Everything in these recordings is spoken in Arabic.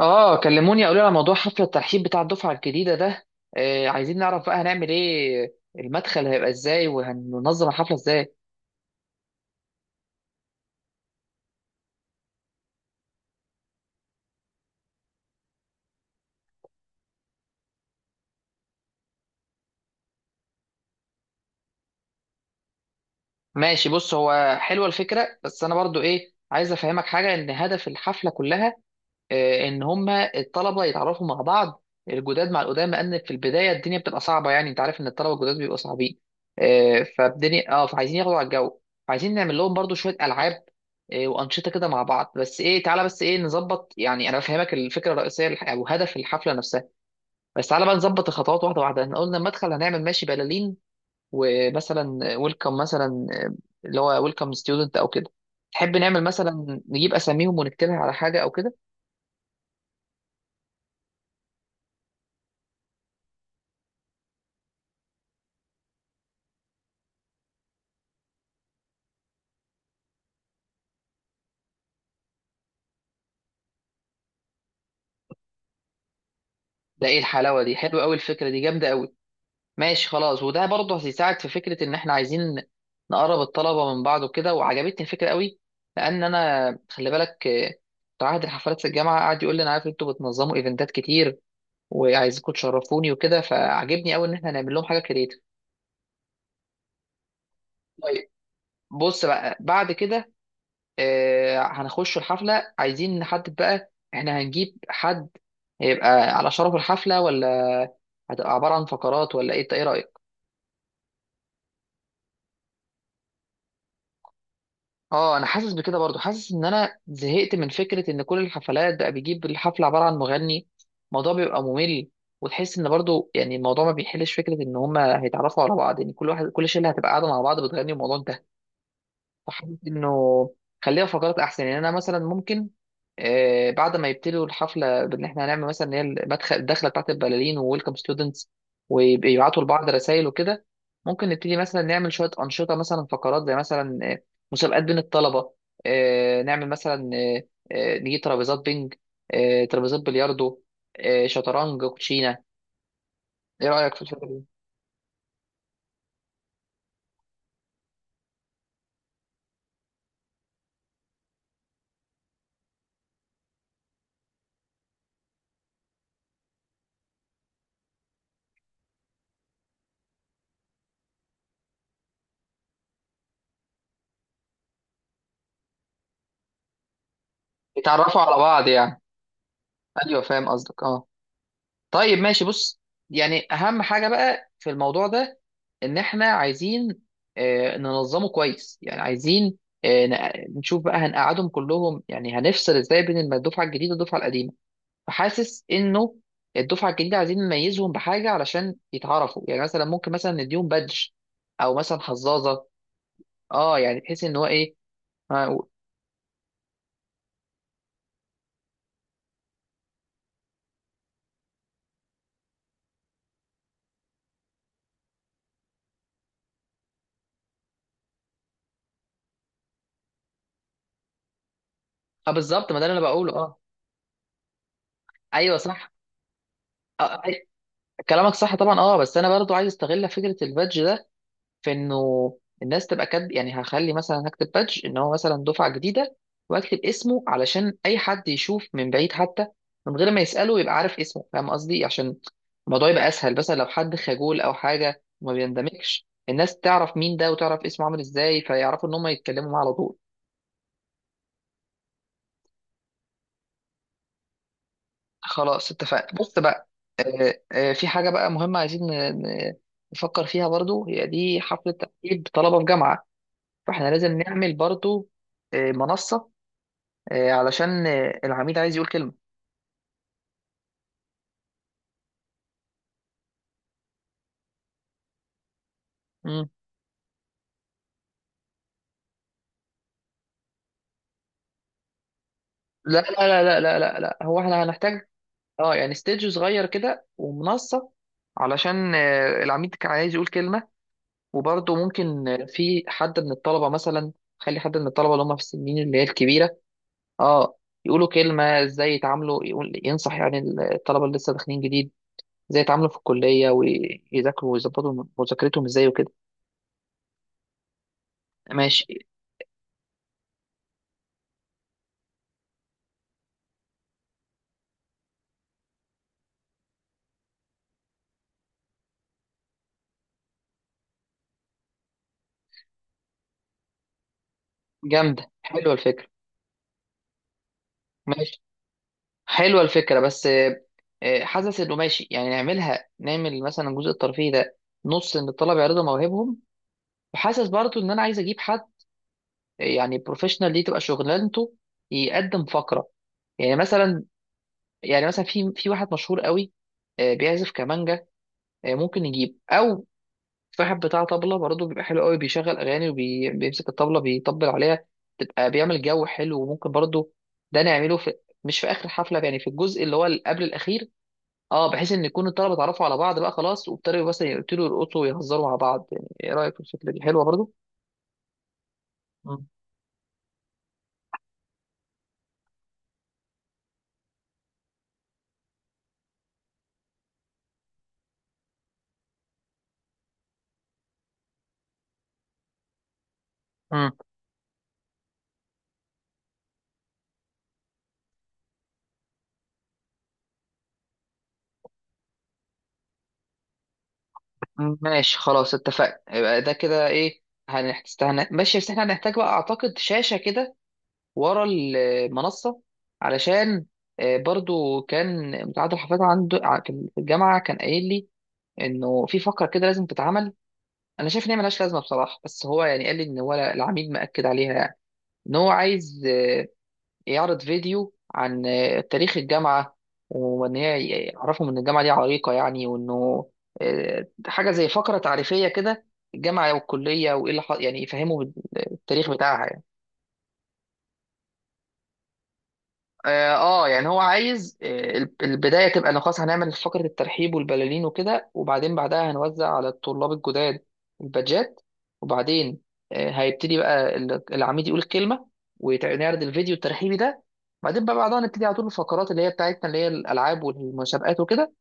اه، كلموني قالوا لي على موضوع حفله الترحيب بتاع الدفعه الجديده ده. عايزين نعرف بقى هنعمل ايه، المدخل هيبقى ازاي وهننظم الحفله ازاي؟ ماشي، بص هو حلوه الفكره، بس انا برضو ايه، عايز افهمك حاجه، ان هدف الحفله كلها ان هم الطلبه يتعرفوا مع بعض، الجداد مع القدامى، لان في البدايه الدنيا بتبقى صعبه. يعني انت عارف ان الطلبه الجداد بيبقوا صعبين، فالدنيا فعايزين ياخدوا على الجو. فعايزين نعمل لهم برضو شويه العاب وانشطه كده مع بعض. بس ايه، تعالى، بس ايه، نظبط. يعني انا بفهمك الفكره الرئيسيه او هدف الحفله نفسها. بس تعالى بقى نظبط الخطوات واحده واحده. احنا قلنا المدخل هنعمل ماشي بلالين، ومثلا ويلكم، مثلا اللي هو ويلكم ستودنت او كده. تحب نعمل مثلا نجيب اساميهم ونكتبها على حاجه او كده؟ ده ايه الحلاوه دي، حلوه قوي الفكره دي، جامده قوي. ماشي خلاص، وده برضه هيساعد في فكره ان احنا عايزين نقرب الطلبه من بعض وكده، وعجبتني الفكره قوي. لان انا، خلي بالك، بتاع عهد الحفلات في الجامعه قعد يقول لي انا عارف انتوا بتنظموا ايفنتات كتير وعايزكم تشرفوني وكده، فعجبني قوي ان احنا نعمل لهم حاجه كريتيف. طيب، بص بقى بعد كده هنخش الحفله. عايزين نحدد بقى احنا هنجيب حد هيبقى على شرف الحفله، ولا هتبقى عباره عن فقرات، ولا ايه؟ إنت ايه رايك؟ اه، انا حاسس بكده برضو، حاسس ان انا زهقت من فكره ان كل الحفلات بقى بيجيب الحفله عباره عن مغني. الموضوع بيبقى ممل، وتحس ان برضو يعني الموضوع ما بيحلش فكره ان هما هيتعرفوا على بعض. يعني كل واحد، كل شله هتبقى قاعده مع بعض بتغني والموضوع انتهى. فحبيت انه خليها فقرات احسن. يعني انا مثلا ممكن بعد ما يبتدوا الحفله بان احنا هنعمل مثلا اللي هي المدخل، الدخله بتاعت البلالين وويلكم ستودنتس، ويبعتوا لبعض رسائل وكده. ممكن نبتدي مثلا نعمل شويه انشطه، مثلا فقرات، زي مثلا مسابقات بين الطلبه. نعمل مثلا، نجيب ترابيزات بينج، ترابيزات بلياردو، شطرنج، كوتشينه. ايه رايك في الفكره دي؟ يتعرفوا على بعض يعني. ايوه فاهم قصدك، اه. طيب ماشي، بص، يعني اهم حاجه بقى في الموضوع ده ان احنا عايزين ننظمه كويس. يعني عايزين نشوف بقى هنقعدهم كلهم. يعني هنفصل ازاي بين الدفعه الجديده والدفعه القديمه. فحاسس انه الدفعه الجديده عايزين نميزهم بحاجه علشان يتعرفوا. يعني مثلا ممكن مثلا نديهم بادج، او مثلا حظاظه. اه، يعني بحيث ان هو ايه. اه بالظبط، ما ده اللي انا بقوله. اه ايوه صح. آه، آه، كلامك صح طبعا. اه، بس انا برضو عايز استغل فكره البادج ده في انه الناس تبقى كاتب. يعني هخلي مثلا، هكتب بادج ان هو مثلا دفعه جديده، واكتب اسمه علشان اي حد يشوف من بعيد، حتى من غير ما يساله يبقى عارف اسمه. فاهم قصدي؟ عشان الموضوع يبقى اسهل، مثلا لو حد خجول او حاجه وما بيندمجش، الناس تعرف مين ده وتعرف اسمه عامل ازاي، فيعرفوا ان هم يتكلموا معاه على طول. خلاص اتفقنا. بص بقى، في حاجه بقى مهمه عايزين نفكر فيها برضو. هي دي حفله تاهيل طلبه في جامعه، فاحنا لازم نعمل برضو منصه علشان العميل عايز يقول كلمة. مم. لا لا لا لا لا لا لا. هو احنا هنحتاج، اه، يعني ستيدج صغير كده ومنصة، علشان العميل كان عايز يقول كلمة. وبرضه ممكن في حد من الطلبة، مثلا خلي حد من الطلبة اللي هم في السنين اللي هي الكبيرة، اه، يقولوا كلمة ازاي يتعاملوا، يقول، ينصح يعني الطلبة اللي لسه داخلين جديد ازاي يتعاملوا في الكلية ويذاكروا ويظبطوا مذاكرتهم ازاي وكده. ماشي. جامدة، حلوة الفكرة. ماشي، حلوه الفكره. بس حاسس انه ماشي. يعني نعملها، نعمل مثلا الجزء الترفيهي ده نص ان الطلبه يعرضوا مواهبهم. وحاسس برضو ان انا عايز اجيب حد، يعني بروفيشنال دي تبقى شغلانته، يقدم فقره. يعني مثلا، يعني مثلا في واحد مشهور قوي بيعزف كمانجا، ممكن نجيب، او في واحد بتاع طبله برضه بيبقى حلو قوي، بيشغل اغاني وبيمسك الطبله بيطبل عليها، تبقى بيعمل جو حلو. وممكن برضه ده نعمله في، مش في اخر حفله، يعني في الجزء اللي هو اللي قبل الاخير. اه، بحيث ان يكون الطلبه اتعرفوا على بعض بقى خلاص وابتدوا، بس يبتدوا يرقصوا ويهزروا مع بعض. يعني ايه رايك في الفكره دي؟ حلوه برضو. مم. امم ماشي خلاص اتفقنا. يبقى ده كده ايه، هنحتاج. ماشي، بس احنا هنحتاج بقى اعتقد شاشه كده ورا المنصه، علشان برضو كان متعدد الحفاظ عنده في الجامعه. كان قايل لي انه في فقره كده لازم تتعمل. انا شايف ان هي ملهاش لازمه بصراحه، بس هو يعني قال لي ان هو العميد مأكد عليها. يعني ان هو عايز يعرض فيديو عن تاريخ الجامعة، وإن هي يعرفهم إن الجامعة دي عريقة يعني، وإنه حاجة زي فقرة تعريفية كده، الجامعة والكلية، وإيه اللي يعني يفهموا التاريخ بتاعها يعني. اه، يعني هو عايز، البدايه تبقى انه خلاص هنعمل فقره الترحيب والبلالين وكده، وبعدين بعدها هنوزع على الطلاب الجداد البادجات. وبعدين هيبتدي بقى العميد يقول الكلمه ونعرض الفيديو الترحيبي ده. بعدين بقى بعدها نبتدي على طول الفقرات اللي هي بتاعتنا اللي هي الالعاب والمسابقات وكده.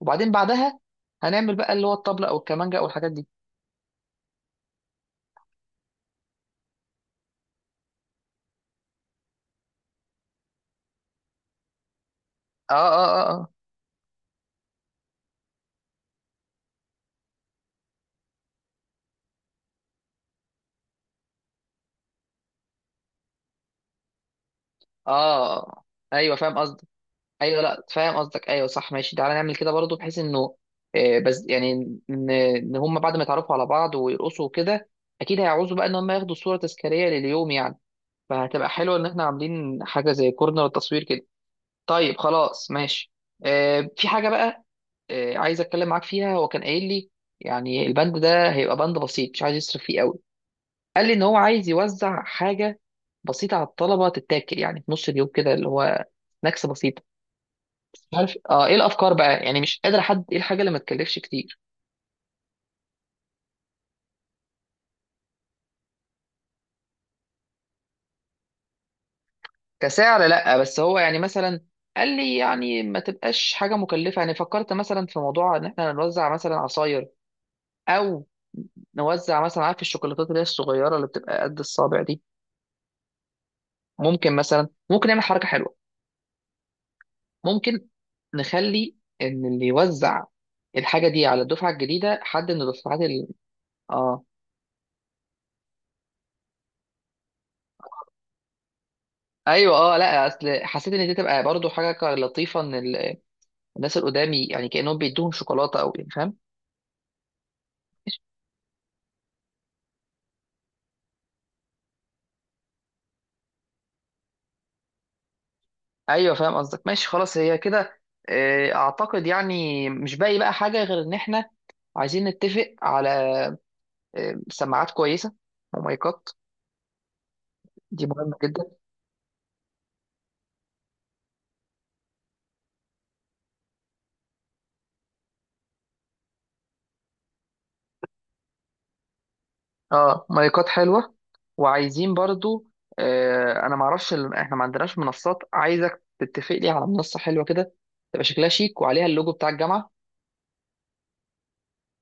وبعدين بعدها هنعمل بقى اللي هو الطبله او الكمانجه او الحاجات دي. اه اه اه اه, آه. ايوه فاهم قصدك. ايوه، لا فاهم قصدك، ايوه صح. ماشي تعالى نعمل كده برضو، بحيث انه بس يعني ان، إن هم بعد ما يتعرفوا على بعض ويرقصوا كده، اكيد هيعوزوا بقى ان هم ياخدوا صوره تذكاريه لليوم يعني، فهتبقى حلوه ان احنا عاملين حاجه زي كورنر تصوير كده. طيب خلاص ماشي. في حاجه بقى عايز اتكلم معاك فيها. هو كان قايل لي يعني البند ده هيبقى بند بسيط، مش عايز يصرف فيه قوي. قال لي ان هو عايز يوزع حاجه بسيطه على الطلبه تتاكل، يعني في نص اليوم كده، اللي هو سناكس بسيط. مش عارف، اه، ايه الافكار بقى؟ يعني مش قادر احدد ايه الحاجه اللي ما تكلفش كتير كسعر. لا، بس هو يعني مثلا قال لي يعني ما تبقاش حاجه مكلفه. يعني فكرت مثلا في موضوع ان احنا نوزع مثلا عصاير، او نوزع مثلا، عارف الشوكولاتات اللي هي الصغيره اللي بتبقى قد الصابع دي؟ ممكن مثلا، ممكن نعمل حركه حلوه، ممكن نخلي ان اللي يوزع الحاجه دي على الدفعه الجديده حد من الدفعات ال... اه. ايوه اه، لا اصل حسيت ان دي تبقى برضو حاجه لطيفه، ان الناس اللي قدامي يعني كأنهم بيدوهم شوكولاتة، أو يعني فاهم. أيوه فاهم قصدك. ماشي خلاص، هي كده، أعتقد يعني مش باقي بقى حاجة غير إن إحنا عايزين نتفق على سماعات كويسة ومايكات. دي مهمة جدا. اه مايكات حلوة. وعايزين برضو أنا معرفش، إحنا ما عندناش منصات. عايزك تتفق لي على منصة حلوة كده، تبقى شكلها شيك وعليها اللوجو بتاع الجامعة.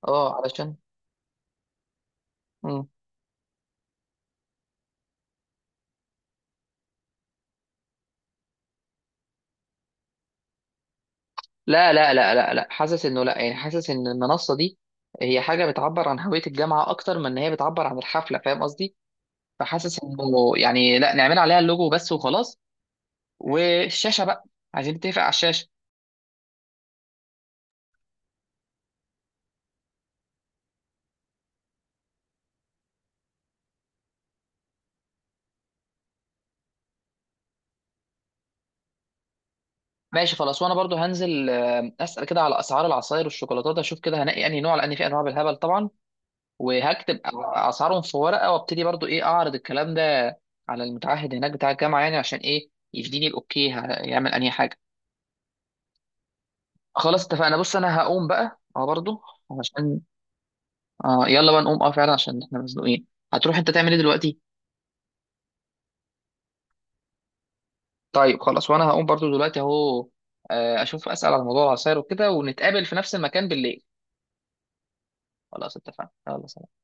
اه علشان. مم. لا لا لا لا لا، حاسس انه لا، يعني حاسس ان المنصه دي هي حاجه بتعبر عن هويه الجامعه اكتر من ان هي بتعبر عن الحفله. فاهم قصدي؟ فحاسس انه يعني لا، نعمل عليها اللوجو بس وخلاص. والشاشه بقى، عايزين نتفق على الشاشه. ماشي خلاص، وانا برضو هنزل اسال كده على اسعار العصاير والشوكولاتات، اشوف كده هنقي انهي نوع، لان في انواع بالهبل طبعا. وهكتب اسعارهم في ورقه، وابتدي برضو ايه اعرض الكلام ده على المتعهد هناك بتاع الجامعه، يعني عشان ايه يديني الاوكي هيعمل انهي حاجه. خلاص اتفقنا. بص انا هقوم بقى، برضو عشان يلا بقى نقوم. اه فعلا عشان احنا مزنوقين. هتروح انت تعمل ايه دلوقتي؟ طيب خلاص، وانا هقوم برضو دلوقتي اهو، اشوف اسال على موضوع العصاير وكده، ونتقابل في نفس المكان بالليل. خلاص اتفقنا، يلا سلام.